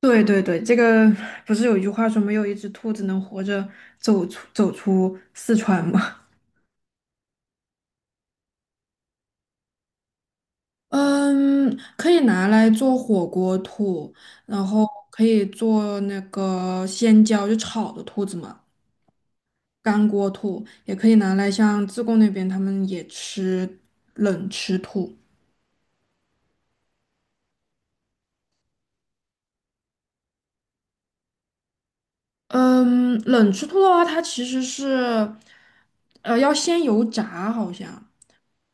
对对对，这个不是有一句话说没有一只兔子能活着走出四川吗？嗯，可以拿来做火锅兔，然后可以做那个鲜椒，就炒的兔子嘛，干锅兔，也可以拿来像自贡那边他们也吃冷吃兔。嗯，冷吃兔的话，它其实是，要先油炸好像。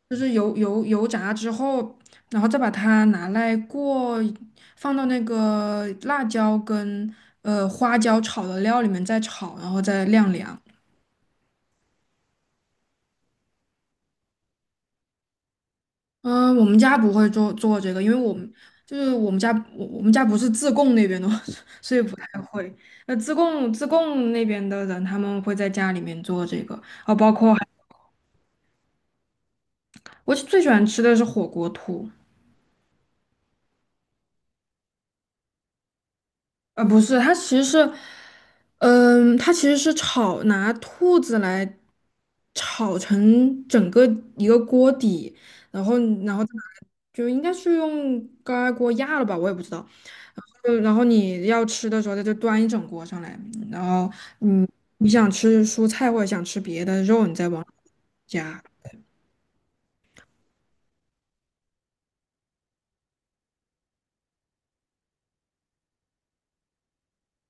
就是油炸之后，然后再把它拿来过，放到那个辣椒跟花椒炒的料里面再炒，然后再晾凉。嗯、我们家不会做这个，因为我们家我们家不是自贡那边的，所以不太会。那自贡那边的人，他们会在家里面做这个，啊，包括还我最喜欢吃的是火锅兔。啊，不是，它其实是，嗯、它其实是炒，拿兔子来炒成整个一个锅底，然后，然后再拿就应该是用高压锅压了吧，我也不知道。然后，然后你要吃的时候，它就端一整锅上来，然后，嗯，你想吃蔬菜或者想吃别的肉，你再往里加。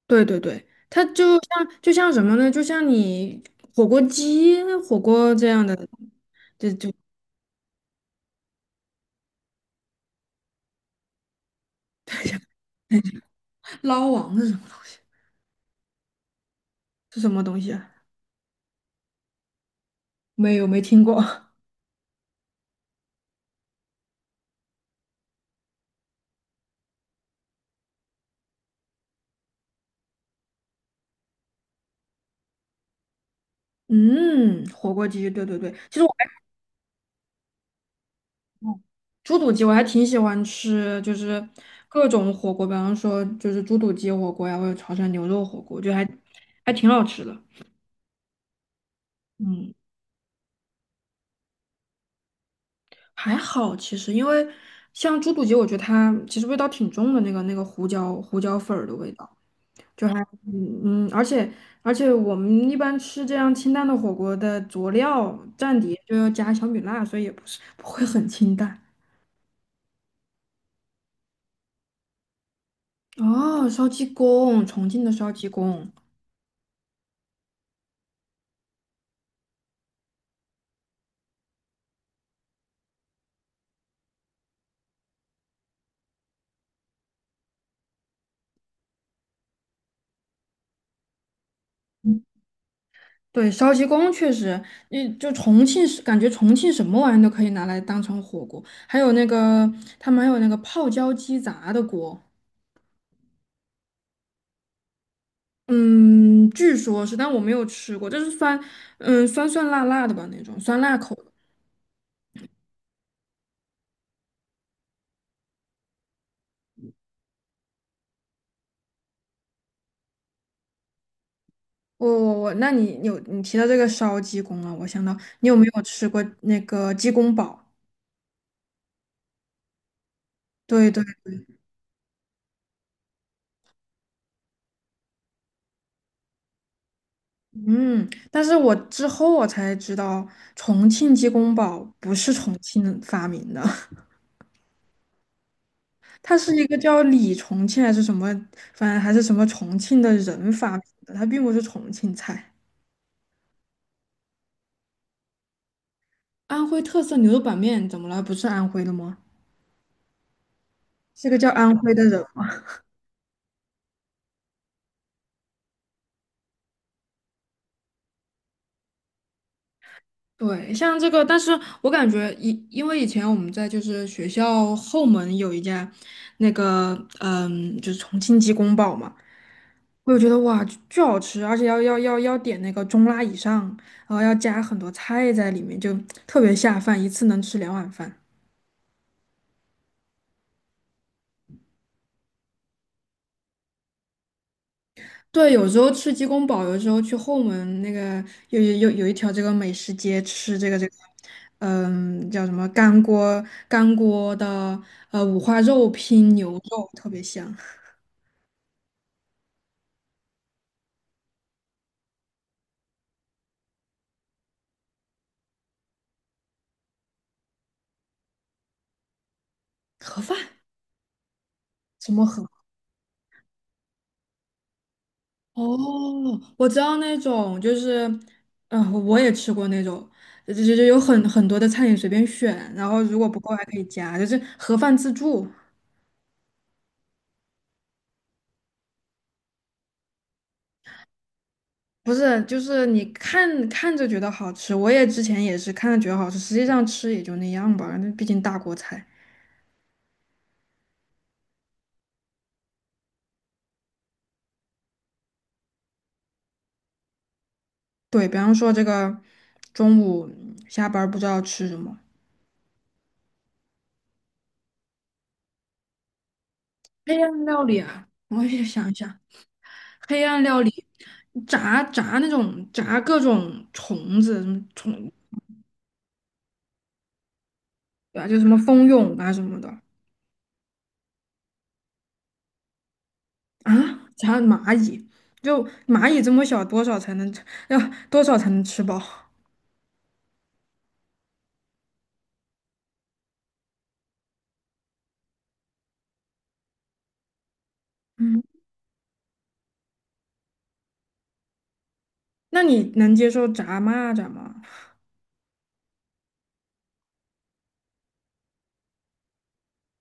对对对，它就像什么呢？就像你火锅鸡、火锅这样的，就。捞王是什么东西？是什么东西啊？没有，没听过。嗯，火锅鸡，对对对，其实我还哦猪肚鸡，我还挺喜欢吃，就是各种火锅，比方说就是猪肚鸡火锅呀，或者潮汕牛肉火锅，我觉得还还挺好吃的。嗯，还好其实，因为像猪肚鸡，我觉得它其实味道挺重的，那个胡椒粉儿的味道。就还嗯嗯，而且我们一般吃这样清淡的火锅的佐料蘸碟就要加小米辣，所以也不是不会很清淡。哦，烧鸡公，重庆的烧鸡公，嗯对，烧鸡公确实，嗯，就重庆是感觉重庆什么玩意都可以拿来当成火锅，还有那个他们还有那个泡椒鸡杂的锅，嗯，据说是，但我没有吃过，就是酸，嗯，酸酸辣辣的吧那种，酸辣口。我，那你有你提到这个烧鸡公啊，我想到你有没有吃过那个鸡公煲？对对，嗯，但是我之后我才知道，重庆鸡公煲不是重庆发明的，它是一个叫李重庆还是什么，反正还是什么重庆的人发明的，它并不是重庆菜。安徽特色牛肉板面怎么了？不是安徽的吗？是个叫安徽的人。对，像这个，但是我感觉以因为以前我们在就是学校后门有一家那个嗯，就是重庆鸡公煲嘛，我就觉得哇，巨巨好吃，而且要点那个中辣以上，然后要加很多菜在里面，就特别下饭，一次能吃两碗饭。对，有时候吃鸡公煲，有时候去后门那个有一条这个美食街吃这个，嗯，叫什么干锅的五花肉拼牛肉，特别香。盒饭什么盒？哦，我知道那种，就是，我也吃过那种，就有很多的菜你随便选，然后如果不够还可以加，就是盒饭自助，不是，就是你看看着觉得好吃，我也之前也是看着觉得好吃，实际上吃也就那样吧，那毕竟大锅菜。对，比方说这个中午下班儿不知道吃什么，黑暗料理啊，我也想一想，黑暗料理，炸那种炸各种虫子，什么虫啊，就什么蜂蛹啊什么的啊，炸蚂蚁，就蚂蚁这么小，多少才能吃要多少才能吃饱？嗯，那你能接受炸蚂蚱吗？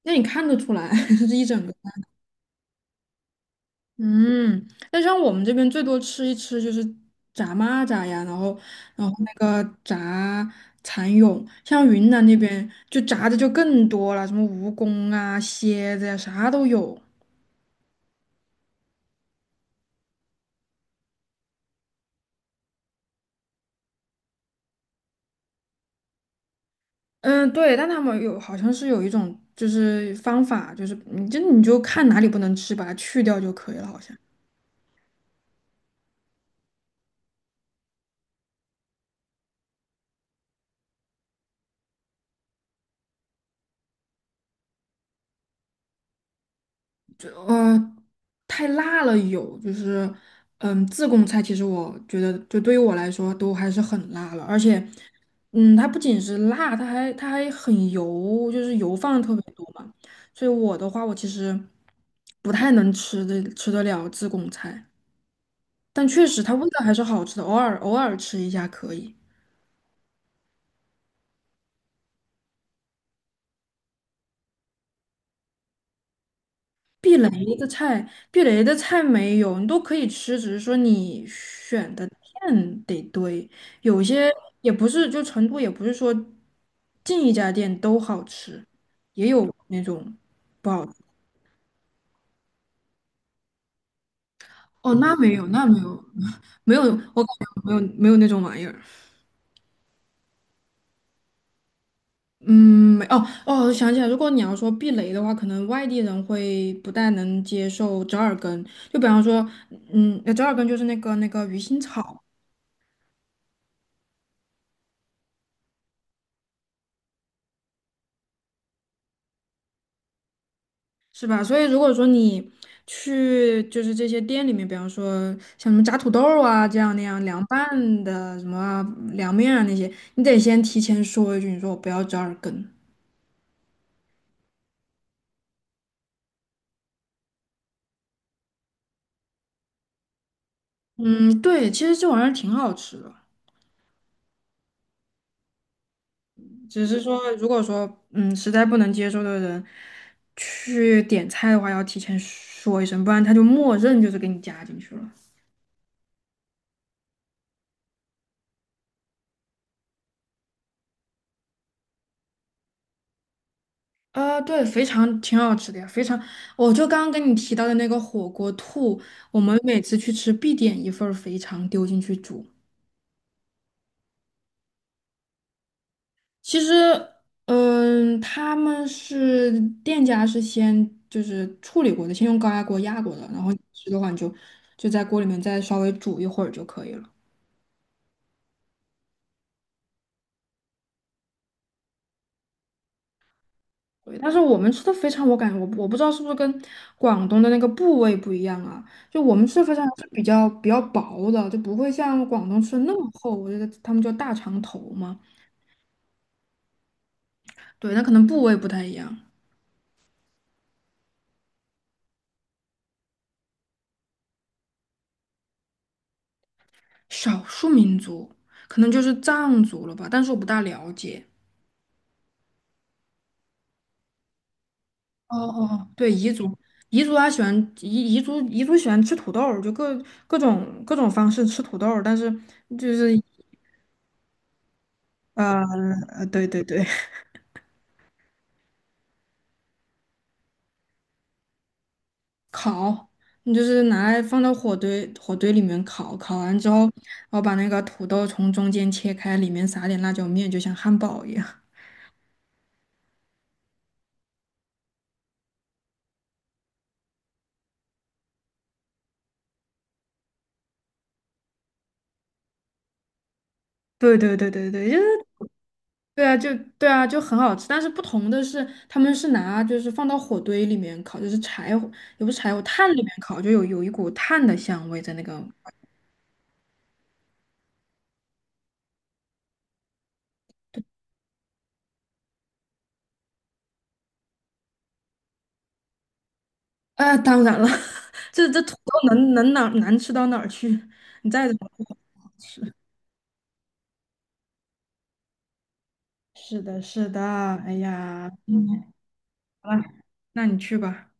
那你看得出来，是一整个。嗯，那像我们这边最多吃一吃就是炸蚂蚱呀，然后然后那个炸蚕蛹，像云南那边就炸的就更多了，什么蜈蚣啊、蝎子呀，啥都有。嗯，对，但他们有好像是有一种就是方法，就是你就看哪里不能吃，把它去掉就可以了，好像。就太辣了有，就是嗯自贡菜其实我觉得就对于我来说都还是很辣了，而且嗯它不仅是辣，它还很油，就是油放的特别多嘛，所以我的话我其实不太能吃的吃得了自贡菜，但确实它味道还是好吃的，偶尔吃一下可以。避雷的菜，避雷的菜没有，你都可以吃，只是说你选的店得对。有些也不是，就成都也不是说进一家店都好吃，也有那种不好吃。哦，那没有，那没有，没有，我感觉没有没有那种玩意儿。嗯，没哦哦，我想起来，如果你要说避雷的话，可能外地人会不太能接受折耳根，就比方说，嗯，折耳根就是那个鱼腥草。是吧？所以如果说你去就是这些店里面，比方说像什么炸土豆儿啊这样那样凉拌的什么啊凉面啊那些，你得先提前说一句，你说我不要折耳根。嗯，对，其实这玩意儿挺好吃的，只是说如果说嗯实在不能接受的人去点菜的话，要提前说一声，不然他就默认就是给你加进去了。啊，对，肥肠挺好吃的呀，肥肠，我就刚刚跟你提到的那个火锅兔，我们每次去吃必点一份儿肥肠丢进去煮。其实，嗯，他们是店家是先就是处理过的，先用高压锅压过的，然后吃的话你就就在锅里面再稍微煮一会儿就可以了。对，但是我们吃的肥肠，我感觉我不知道是不是跟广东的那个部位不一样啊？就我们吃的肥肠是比较薄的，就不会像广东吃的那么厚。我觉得他们叫大肠头嘛，对，那可能部位不太一样。少数民族可能就是藏族了吧，但是我不大了解。哦哦哦，对，彝族，彝族他喜欢彝族喜欢吃土豆儿就各种各种方式吃土豆儿但是就是呃，对对对。烤，你就是拿来放到火堆里面烤，烤完之后，然后把那个土豆从中间切开，里面撒点辣椒面，就像汉堡一样。对对对对对，就是对啊，就很好吃。但是不同的是，他们是拿就是放到火堆里面烤，就是柴火，也不是柴火，炭里面烤，就有一股炭的香味在那个。啊、当然了，这土豆能哪难吃到哪儿去？你再怎么做好吃，是的，是的，哎呀，嗯好了，那你去吧。